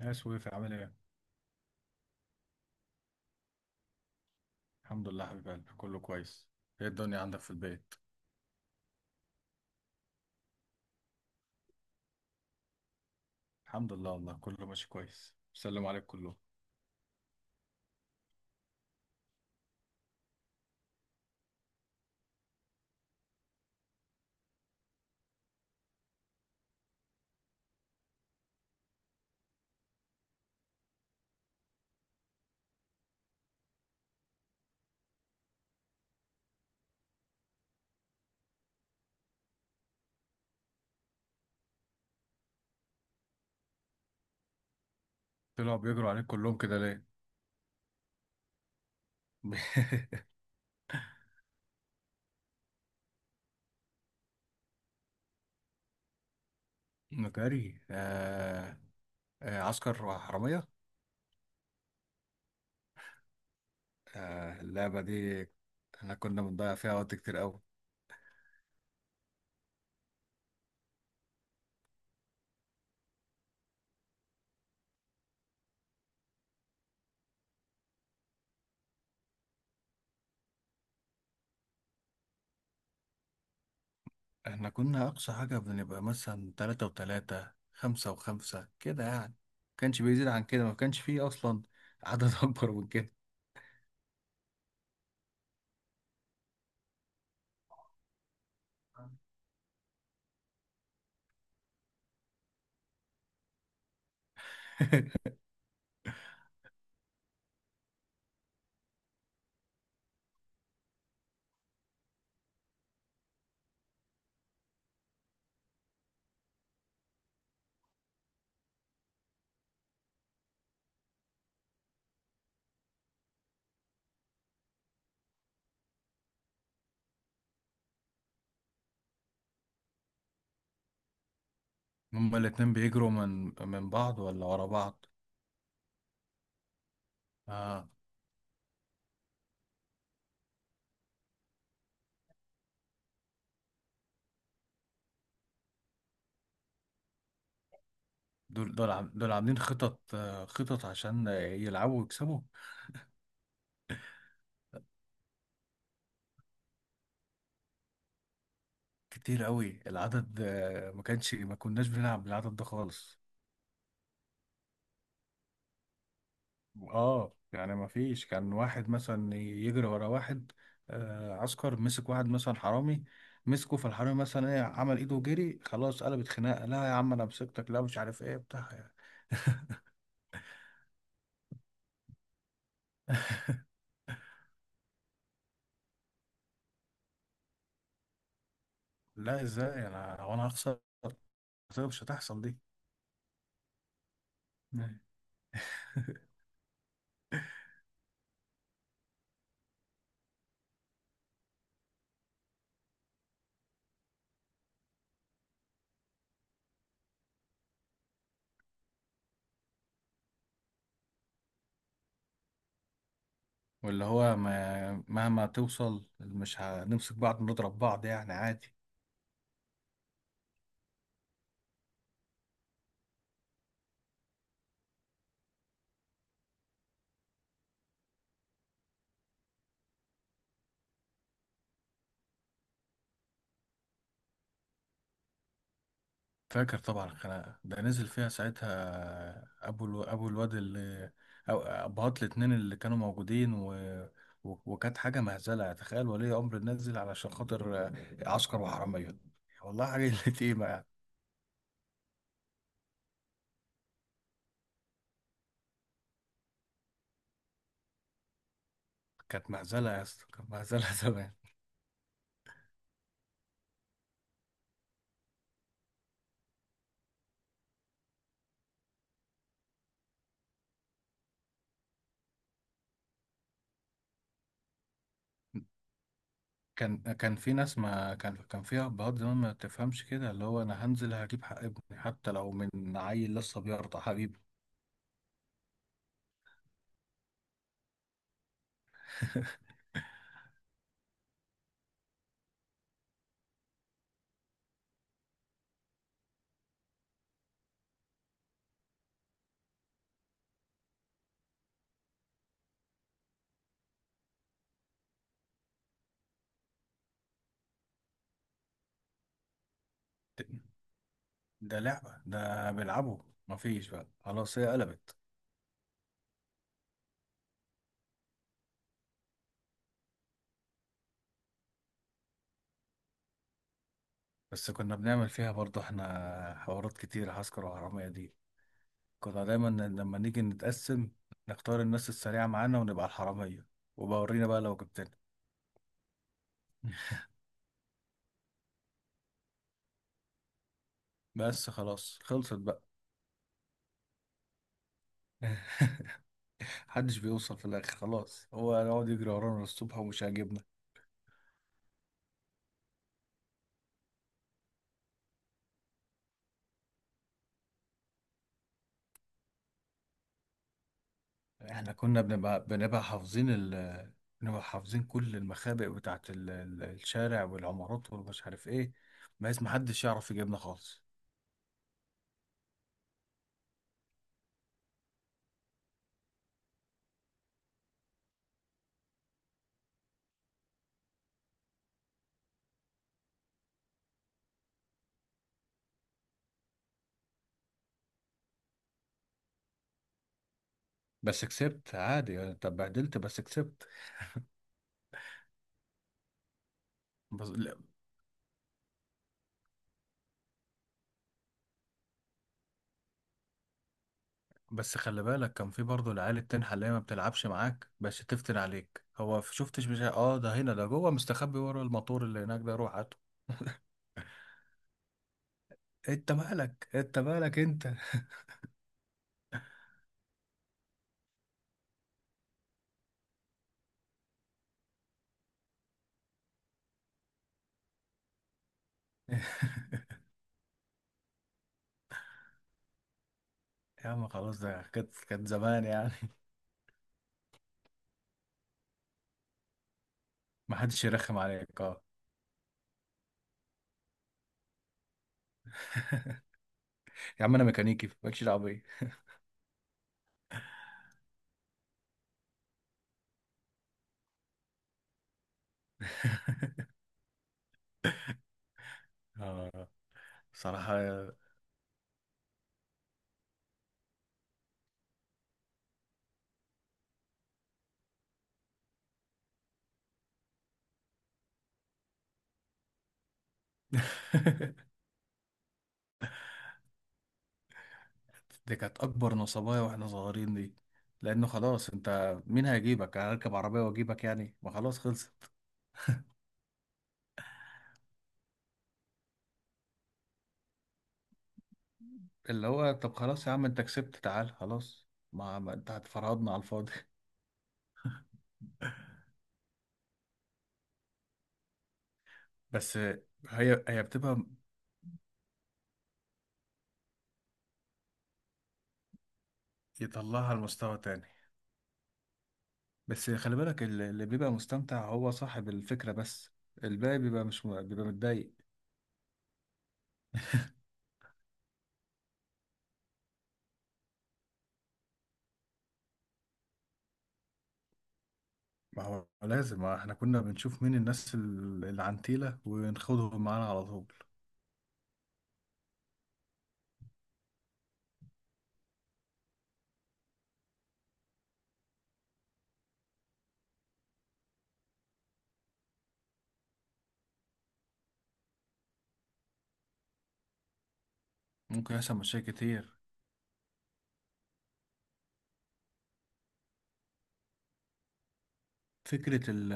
يا سويف عامل ايه؟ الحمد لله، حبيب قلبي، كله كويس. ايه الدنيا عندك في البيت؟ الحمد لله والله، كله ماشي كويس، بيسلموا عليك كلهم. طلعوا بيجروا عليك كلهم كده ليه؟ مكاري، آه، آه، عسكر وحرامية. آه، اللعبة دي. احنا كنا بنضيع فيها وقت كتير قوي. احنا كنا أقصى حاجة بنبقى مثلا تلاتة وتلاتة، خمسة وخمسة كده يعني. كانش بيزيد عن كده، ما كانش فيه أصلا عدد أكبر من كده. هما الاتنين بيجروا من بعض ولا ورا بعض؟ اه دول عاملين خطط عشان، يلعبوا ويكسبوا. كتير قوي العدد، ما كناش بنلعب بالعدد ده خالص. اه يعني ما فيش كان واحد مثلا يجري ورا واحد. عسكر مسك واحد مثلا حرامي، مسكه، فالحرامي مثلا ايه؟ عمل ايده وجري، خلاص قلبت خناقه. لا يا عم، انا مسكتك، لا مش عارف ايه بتاع. لا، ازاي؟ انا وانا هخسر؟ مش هتحصل دي. واللي هو ما مهما توصل مش هنمسك بعض، نضرب بعض يعني عادي. فاكر طبعا، الخناقة ده نزل فيها ساعتها أبو الواد اللي، أو أبهات الاتنين اللي كانوا موجودين وكانت حاجة مهزلة، تخيل ولي أمر نزل علشان خاطر عسكر وحرامية. والله حاجة اللي تقيمة يعني. كانت مهزلة يا اسطى، كانت مهزلة زمان. كان في ناس ما كان فيها أبهات زمان ما تفهمش كده، اللي هو أنا هنزل هجيب حق ابني حتى لو من عيل لسه بيرضع، حبيبي. ده لعبة، ده بيلعبوا. مفيش بقى، خلاص، هي قلبت. بس كنا بنعمل فيها برضه احنا حوارات كتير، عسكر وحرامية دي. كنا دايما لما نيجي نتقسم، نختار الناس السريعة معانا ونبقى الحرامية، وبورينا بقى لو جبتنا. بس خلاص، خلصت بقى. محدش بيوصل في الآخر، خلاص هو يقعد يجري ورانا للصبح، ومش عاجبنا. احنا كنا بنبقى حافظين كل المخابئ بتاعت الشارع والعمارات ومش عارف ايه، بحيث محدش يعرف يجيبنا خالص. بس كسبت عادي يعني، انت اتبهدلت بس كسبت. بس، لا، بس خلي بالك، كان في برضه العيال التنحة، اللي هي ما بتلعبش معاك بس تفتن عليك. هو شفتش مش ده، هنا ده جوه مستخبي ورا الموتور اللي هناك ده، روح هاته. انت مالك، انت مالك، انت. يا عم خلاص، ده كانت زمان يعني. ما حدش يرخم عليك، اه. يا عم انا ميكانيكي، مالكش دعوه بيا. آه. صراحه دي كانت اكبر نصبايا واحنا صغيرين دي، لانه خلاص، انت مين هيجيبك؟ انا اركب عربيه واجيبك يعني، ما خلاص خلصت. اللي هو طب خلاص يا عم، انت كسبت تعال خلاص، ما انت هتفرضنا على الفاضي. بس، هي بتبقى، يطلعها لمستوى تاني. بس خلي بالك، اللي بيبقى مستمتع هو صاحب الفكره بس، الباقي بيبقى مش بيبقى متضايق. ما هو لازم احنا كنا بنشوف مين الناس العنتيلة ونخوضهم معانا على طول. ممكن يحصل مشاكل كتير. فكرة ال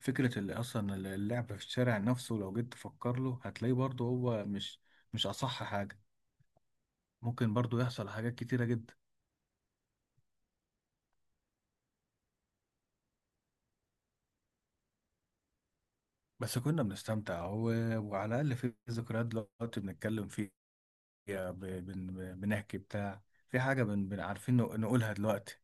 فكرة ال أصلا اللعب في الشارع نفسه، لو جيت تفكر له هتلاقيه برضه هو مش أصح حاجة. ممكن برضه يحصل حاجات كتيرة جدا. بس كنا بنستمتع وعلى الأقل في ذكريات دلوقتي بنتكلم فيها. ب... بنحكي بتاع، في حاجة بن... بن عارفين نقولها دلوقتي.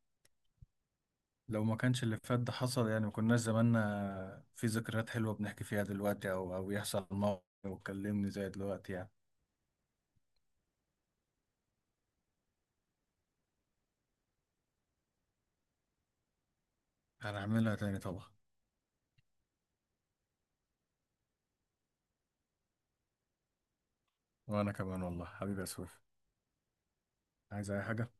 لو ما كانش اللي فات ده حصل يعني، ما كناش زماننا في ذكريات حلوة بنحكي فيها دلوقتي، أو يحصل موقف وتكلمني زي دلوقتي يعني. هنعملها تاني طبعا. وأنا كمان والله حبيبي يا سويف. عايز أي حاجة؟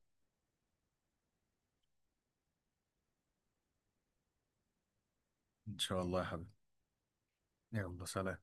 إن شاء الله يا حبيبي. يلا سلام.